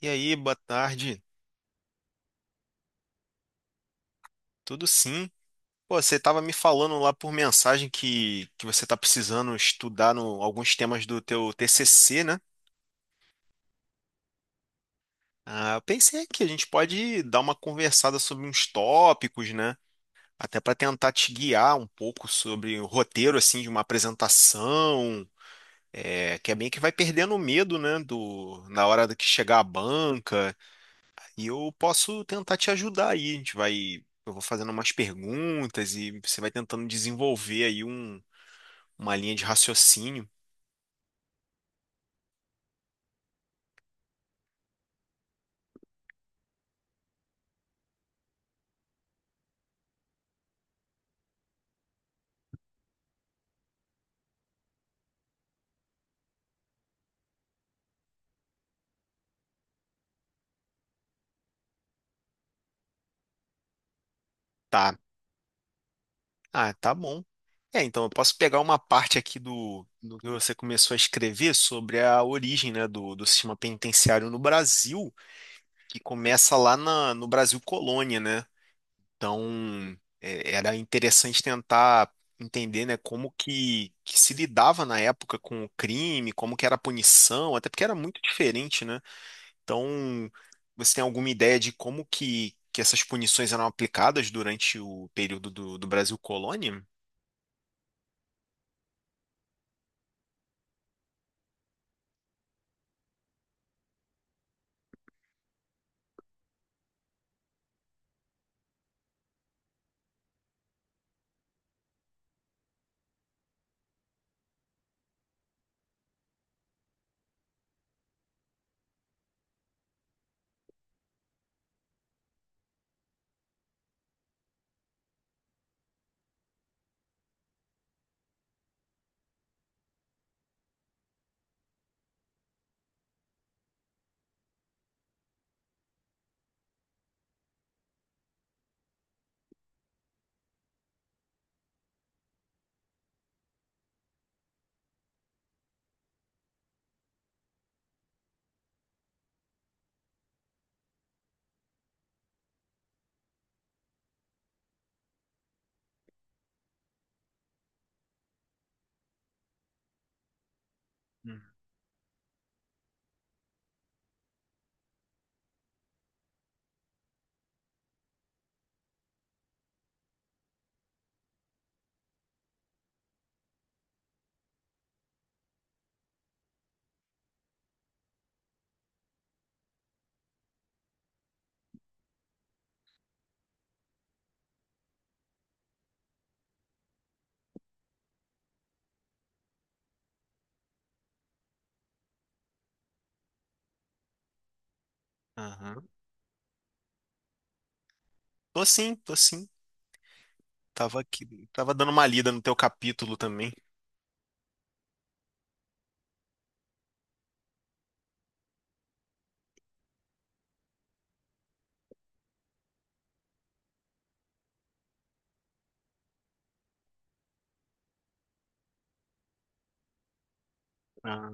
E aí, boa tarde. Tudo sim? Pô, você tava me falando lá por mensagem que você tá precisando estudar no, alguns temas do teu TCC, né? Ah, eu pensei que a gente pode dar uma conversada sobre uns tópicos, né? Até para tentar te guiar um pouco sobre o roteiro, assim, de uma apresentação, que é bem que vai perdendo o medo, né? Na hora do que chegar à banca. E eu posso tentar te ajudar aí. Eu vou fazendo umas perguntas e você vai tentando desenvolver uma linha de raciocínio. Tá. Ah, tá bom. É, então eu posso pegar uma parte aqui do que você começou a escrever sobre a origem, né, do sistema penitenciário no Brasil, que começa lá no Brasil Colônia, né? Então, é, era interessante tentar entender, né, que se lidava na época com o crime, como que era a punição, até porque era muito diferente, né? Então, você tem alguma ideia de que essas punições eram aplicadas durante o período do Brasil Colônia? Hum. Aham. Tô sim, tô sim. Tava aqui, tava dando uma lida no teu capítulo também. Ah.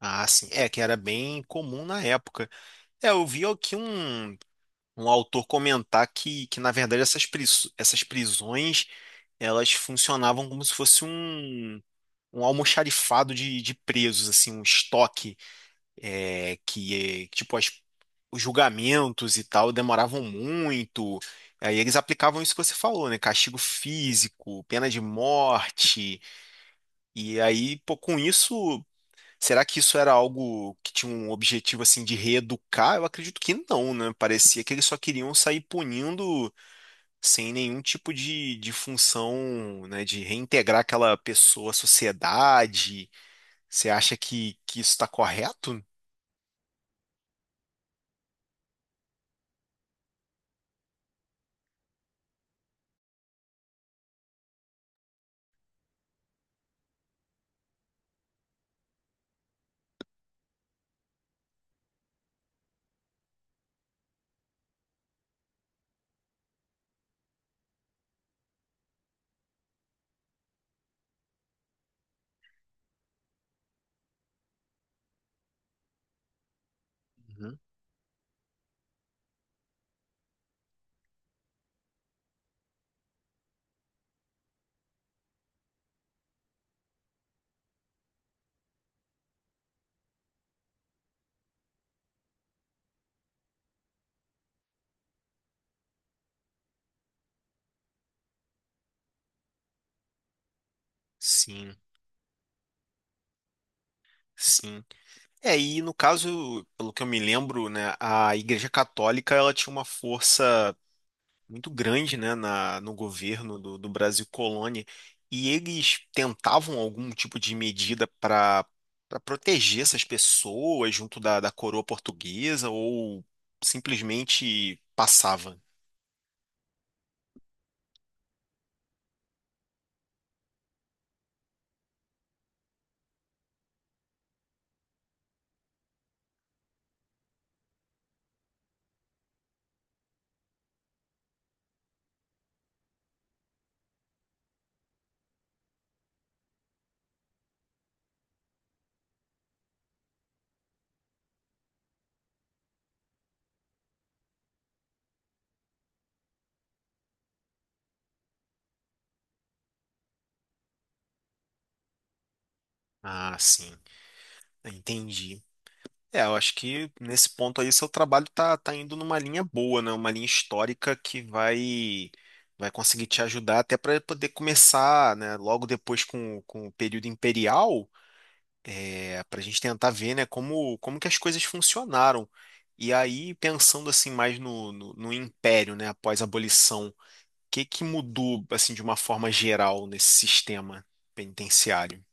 Ah, sim. É, que era bem comum na época. É, eu vi aqui um autor comentar que na verdade, essas, essas prisões elas funcionavam como se fosse um, um almoxarifado de presos, assim, um estoque, é, que, é, tipo, as- os julgamentos e tal demoravam muito. Aí eles aplicavam isso que você falou, né? Castigo físico, pena de morte. E aí, pô, com isso, será que isso era algo que tinha um objetivo assim de reeducar? Eu acredito que não, né? Parecia que eles só queriam sair punindo sem nenhum tipo de função, né, de reintegrar aquela pessoa à sociedade. Você acha que isso está correto? Uhum. Sim, sim. É, e no caso, pelo que eu me lembro, né, a Igreja Católica ela tinha uma força muito grande, né, no governo do Brasil colônia, e eles tentavam algum tipo de medida para para proteger essas pessoas junto da coroa portuguesa ou simplesmente passava? Ah, sim, entendi. É, eu acho que nesse ponto aí seu trabalho tá, tá indo numa linha boa, né? Uma linha histórica que vai vai conseguir te ajudar até para poder começar, né? Logo depois com o período imperial para a gente tentar ver, né, como, como que as coisas funcionaram. E aí, pensando assim mais no império, né, após a abolição, o que que mudou assim de uma forma geral nesse sistema penitenciário?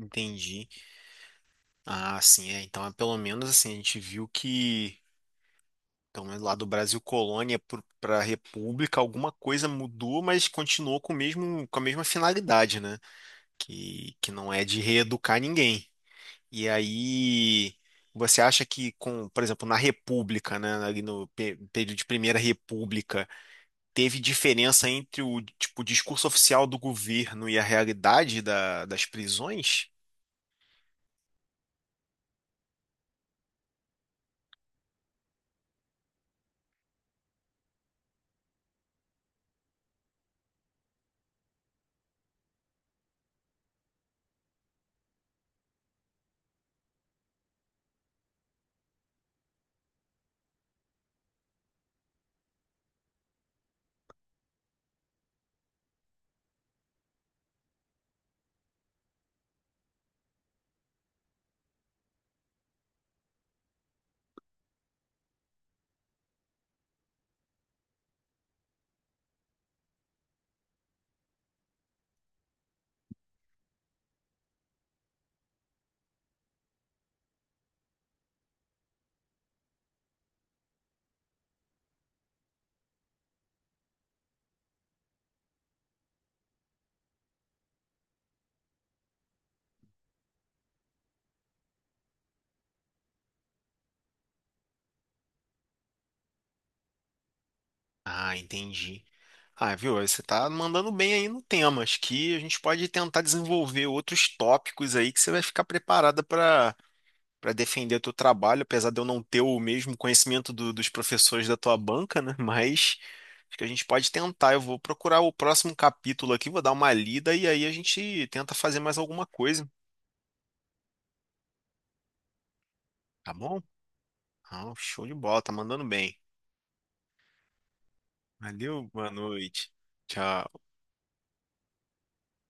Entendi. Ah, sim, é. Então, é, pelo menos assim, a gente viu que, pelo menos lá do Brasil colônia para República, alguma coisa mudou, mas continuou com o mesmo, com a mesma finalidade, né? Que não é de reeducar ninguém. E aí, você acha que com, por exemplo, na República, né, ali no período de Primeira República, teve diferença entre o, tipo, discurso oficial do governo e a realidade da- das prisões? Ah, entendi. Ah, viu? Você tá mandando bem aí no tema. Acho que a gente pode tentar desenvolver outros tópicos aí que você vai ficar preparada para para defender o teu trabalho, apesar de eu não ter o mesmo conhecimento do- dos professores da tua banca, né? Mas acho que a gente pode tentar. Eu vou procurar o próximo capítulo aqui, vou dar uma lida e aí a gente tenta fazer mais alguma coisa, tá bom? Ah, show de bola, tá mandando bem. Valeu, boa noite. Tchau.